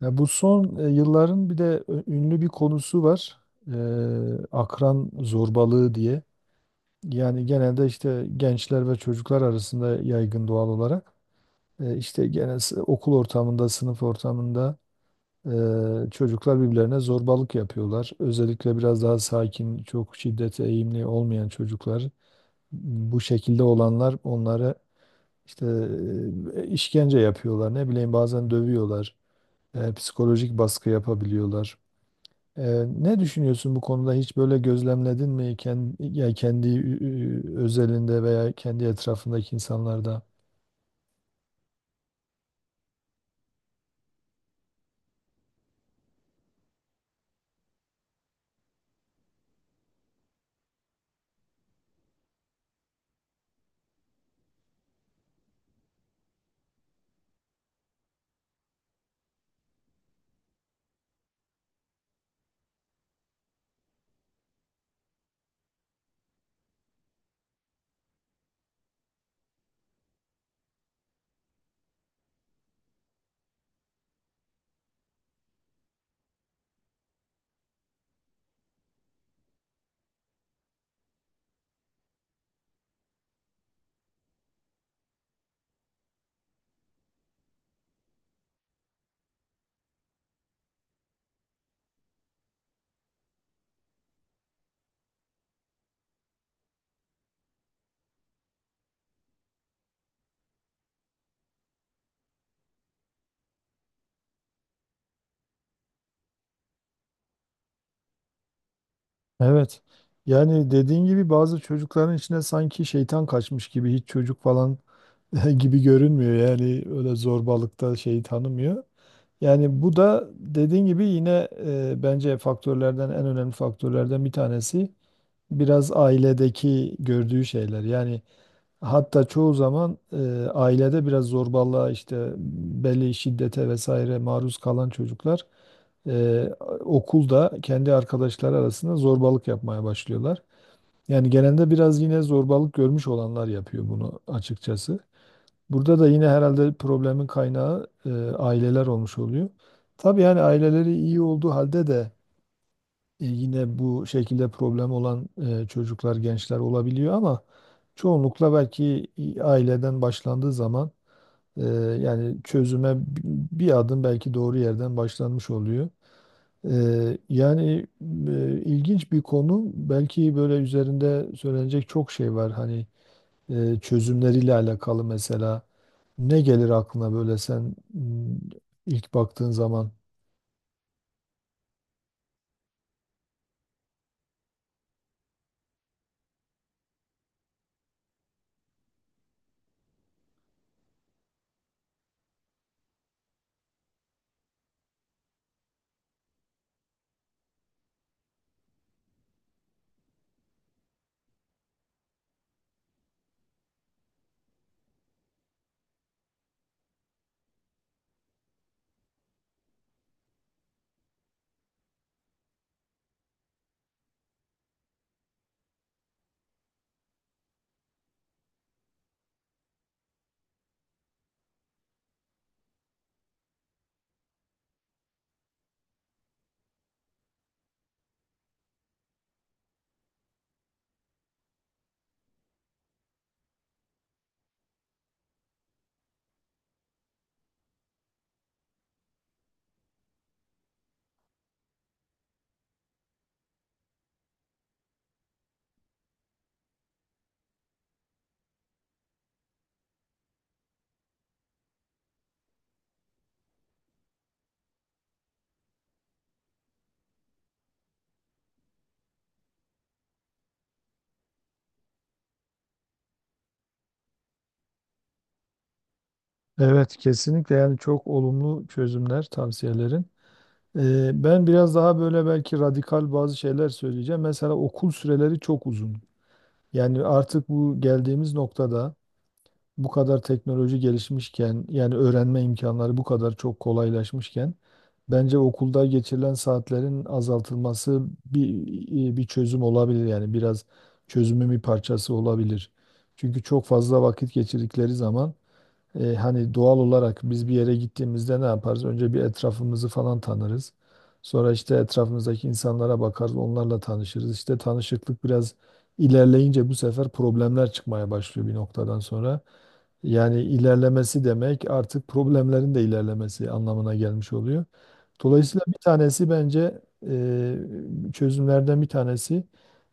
Ya bu son yılların bir de ünlü bir konusu var. Akran zorbalığı diye. Yani genelde işte gençler ve çocuklar arasında yaygın doğal olarak. İşte okul ortamında, sınıf ortamında, çocuklar birbirlerine zorbalık yapıyorlar. Özellikle biraz daha sakin, çok şiddete eğimli olmayan çocuklar. Bu şekilde olanlar onlara işte işkence yapıyorlar. Ne bileyim bazen dövüyorlar. Psikolojik baskı yapabiliyorlar. Ee, Ne düşünüyorsun bu konuda? Hiç böyle gözlemledin mi kendi, ya kendi özelinde veya kendi etrafındaki insanlarda? Evet. Yani dediğin gibi bazı çocukların içine sanki şeytan kaçmış gibi hiç çocuk falan gibi görünmüyor. Yani öyle zorbalıkta şeyi tanımıyor. Yani bu da dediğin gibi yine bence faktörlerden en önemli faktörlerden bir tanesi biraz ailedeki gördüğü şeyler. Yani hatta çoğu zaman ailede biraz zorbalığa işte belli şiddete vesaire maruz kalan çocuklar e, okulda kendi arkadaşları arasında zorbalık yapmaya başlıyorlar. Yani genelde biraz yine zorbalık görmüş olanlar yapıyor bunu açıkçası. Burada da yine herhalde problemin kaynağı aileler olmuş oluyor. Tabii yani aileleri iyi olduğu halde de yine bu şekilde problem olan çocuklar, gençler olabiliyor ama çoğunlukla belki aileden başlandığı zaman e, yani bir adım belki doğru yerden başlanmış oluyor. Yani ilginç bir konu. Belki böyle üzerinde söylenecek çok şey var. Hani çözümleriyle alakalı mesela. Ne gelir aklına böyle sen ilk baktığın zaman? Evet, kesinlikle yani çok olumlu çözümler, tavsiyelerin. Ben biraz daha böyle belki radikal bazı şeyler söyleyeceğim. Mesela okul süreleri çok uzun. Yani artık bu geldiğimiz noktada bu kadar teknoloji gelişmişken yani öğrenme imkanları bu kadar çok kolaylaşmışken bence okulda geçirilen saatlerin azaltılması bir çözüm olabilir yani biraz çözümün bir parçası olabilir. Çünkü çok fazla vakit geçirdikleri zaman hani doğal olarak biz bir yere gittiğimizde ne yaparız? Önce bir etrafımızı falan tanırız. Sonra işte etrafımızdaki insanlara bakarız, onlarla tanışırız. İşte tanışıklık biraz ilerleyince bu sefer problemler çıkmaya başlıyor bir noktadan sonra. Yani ilerlemesi demek artık problemlerin de ilerlemesi anlamına gelmiş oluyor. Dolayısıyla bir tanesi bence e, çözümlerden bir tanesi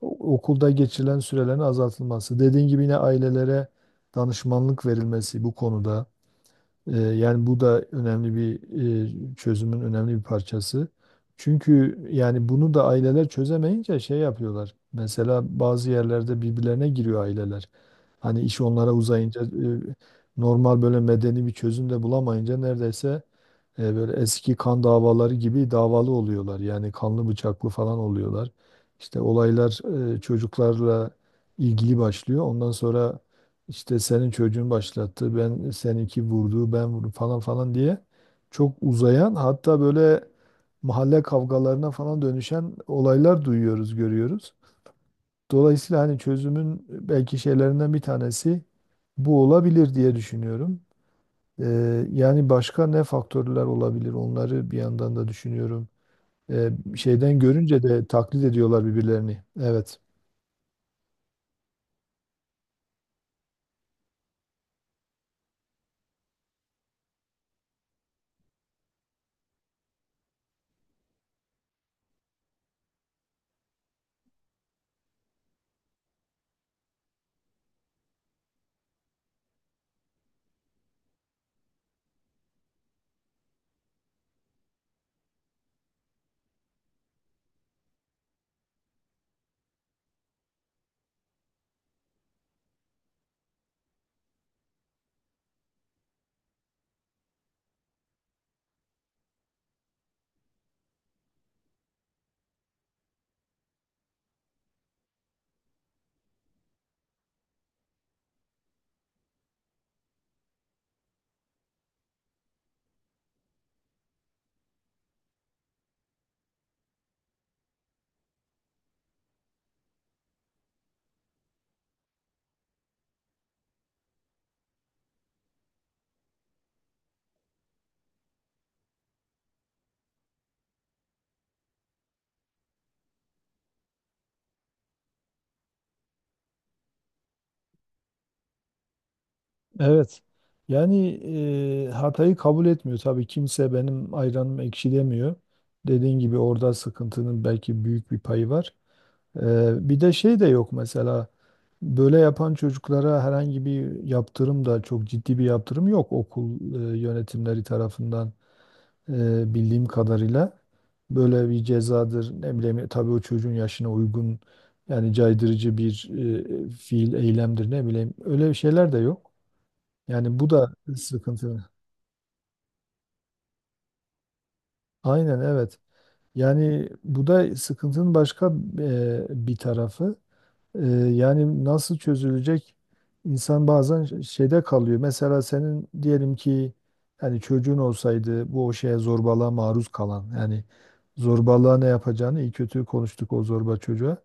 okulda geçirilen sürelerin azaltılması. Dediğin gibi yine ailelere danışmanlık verilmesi bu konuda. Yani bu da önemli bir çözümün önemli bir parçası. Çünkü yani bunu da aileler çözemeyince şey yapıyorlar. Mesela bazı yerlerde birbirlerine giriyor aileler. Hani iş onlara uzayınca normal böyle medeni bir çözüm de bulamayınca neredeyse böyle eski kan davaları gibi davalı oluyorlar. Yani kanlı bıçaklı falan oluyorlar. İşte olaylar çocuklarla ilgili başlıyor. Ondan sonra işte senin çocuğun başlattı, ben seninki vurdu, ben vurdum falan falan diye çok uzayan hatta böyle mahalle kavgalarına falan dönüşen olaylar duyuyoruz, görüyoruz. Dolayısıyla hani çözümün belki şeylerinden bir tanesi bu olabilir diye düşünüyorum. Yani başka ne faktörler olabilir? Onları bir yandan da düşünüyorum. Şeyden görünce de taklit ediyorlar birbirlerini. Evet. Evet. Yani hatayı kabul etmiyor. Tabii kimse benim ayranım ekşi demiyor. Dediğin gibi orada sıkıntının belki büyük bir payı var. Bir de şey de yok mesela. Böyle yapan çocuklara herhangi bir yaptırım da çok ciddi bir yaptırım yok okul yönetimleri tarafından. Bildiğim kadarıyla böyle bir cezadır. Ne bileyim tabii o çocuğun yaşına uygun yani caydırıcı bir fiil, eylemdir ne bileyim. Öyle şeyler de yok. Yani bu da sıkıntı. Aynen evet. Yani bu da sıkıntının başka bir tarafı. Ee, Yani nasıl çözülecek? İnsan bazen şeyde kalıyor. Mesela senin diyelim ki yani çocuğun olsaydı bu o şeye zorbalığa maruz kalan yani zorbalığa ne yapacağını iyi kötü konuştuk o zorba çocuğa.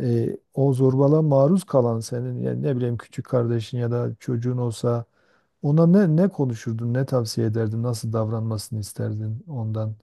O zorbalığa maruz kalan senin yani ne bileyim küçük kardeşin ya da çocuğun olsa ona ne konuşurdun, ne tavsiye ederdin, nasıl davranmasını isterdin ondan?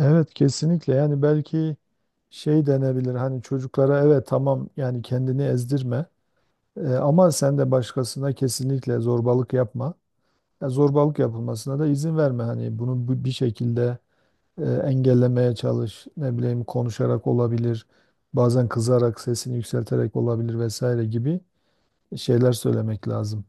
Evet, kesinlikle yani belki şey denebilir. Hani çocuklara evet tamam yani kendini ezdirme. Ama sen de başkasına kesinlikle zorbalık yapma. Ya zorbalık yapılmasına da izin verme. Hani bunu bir şekilde engellemeye çalış. Ne bileyim konuşarak olabilir. Bazen kızarak, sesini yükselterek olabilir vesaire gibi şeyler söylemek lazım.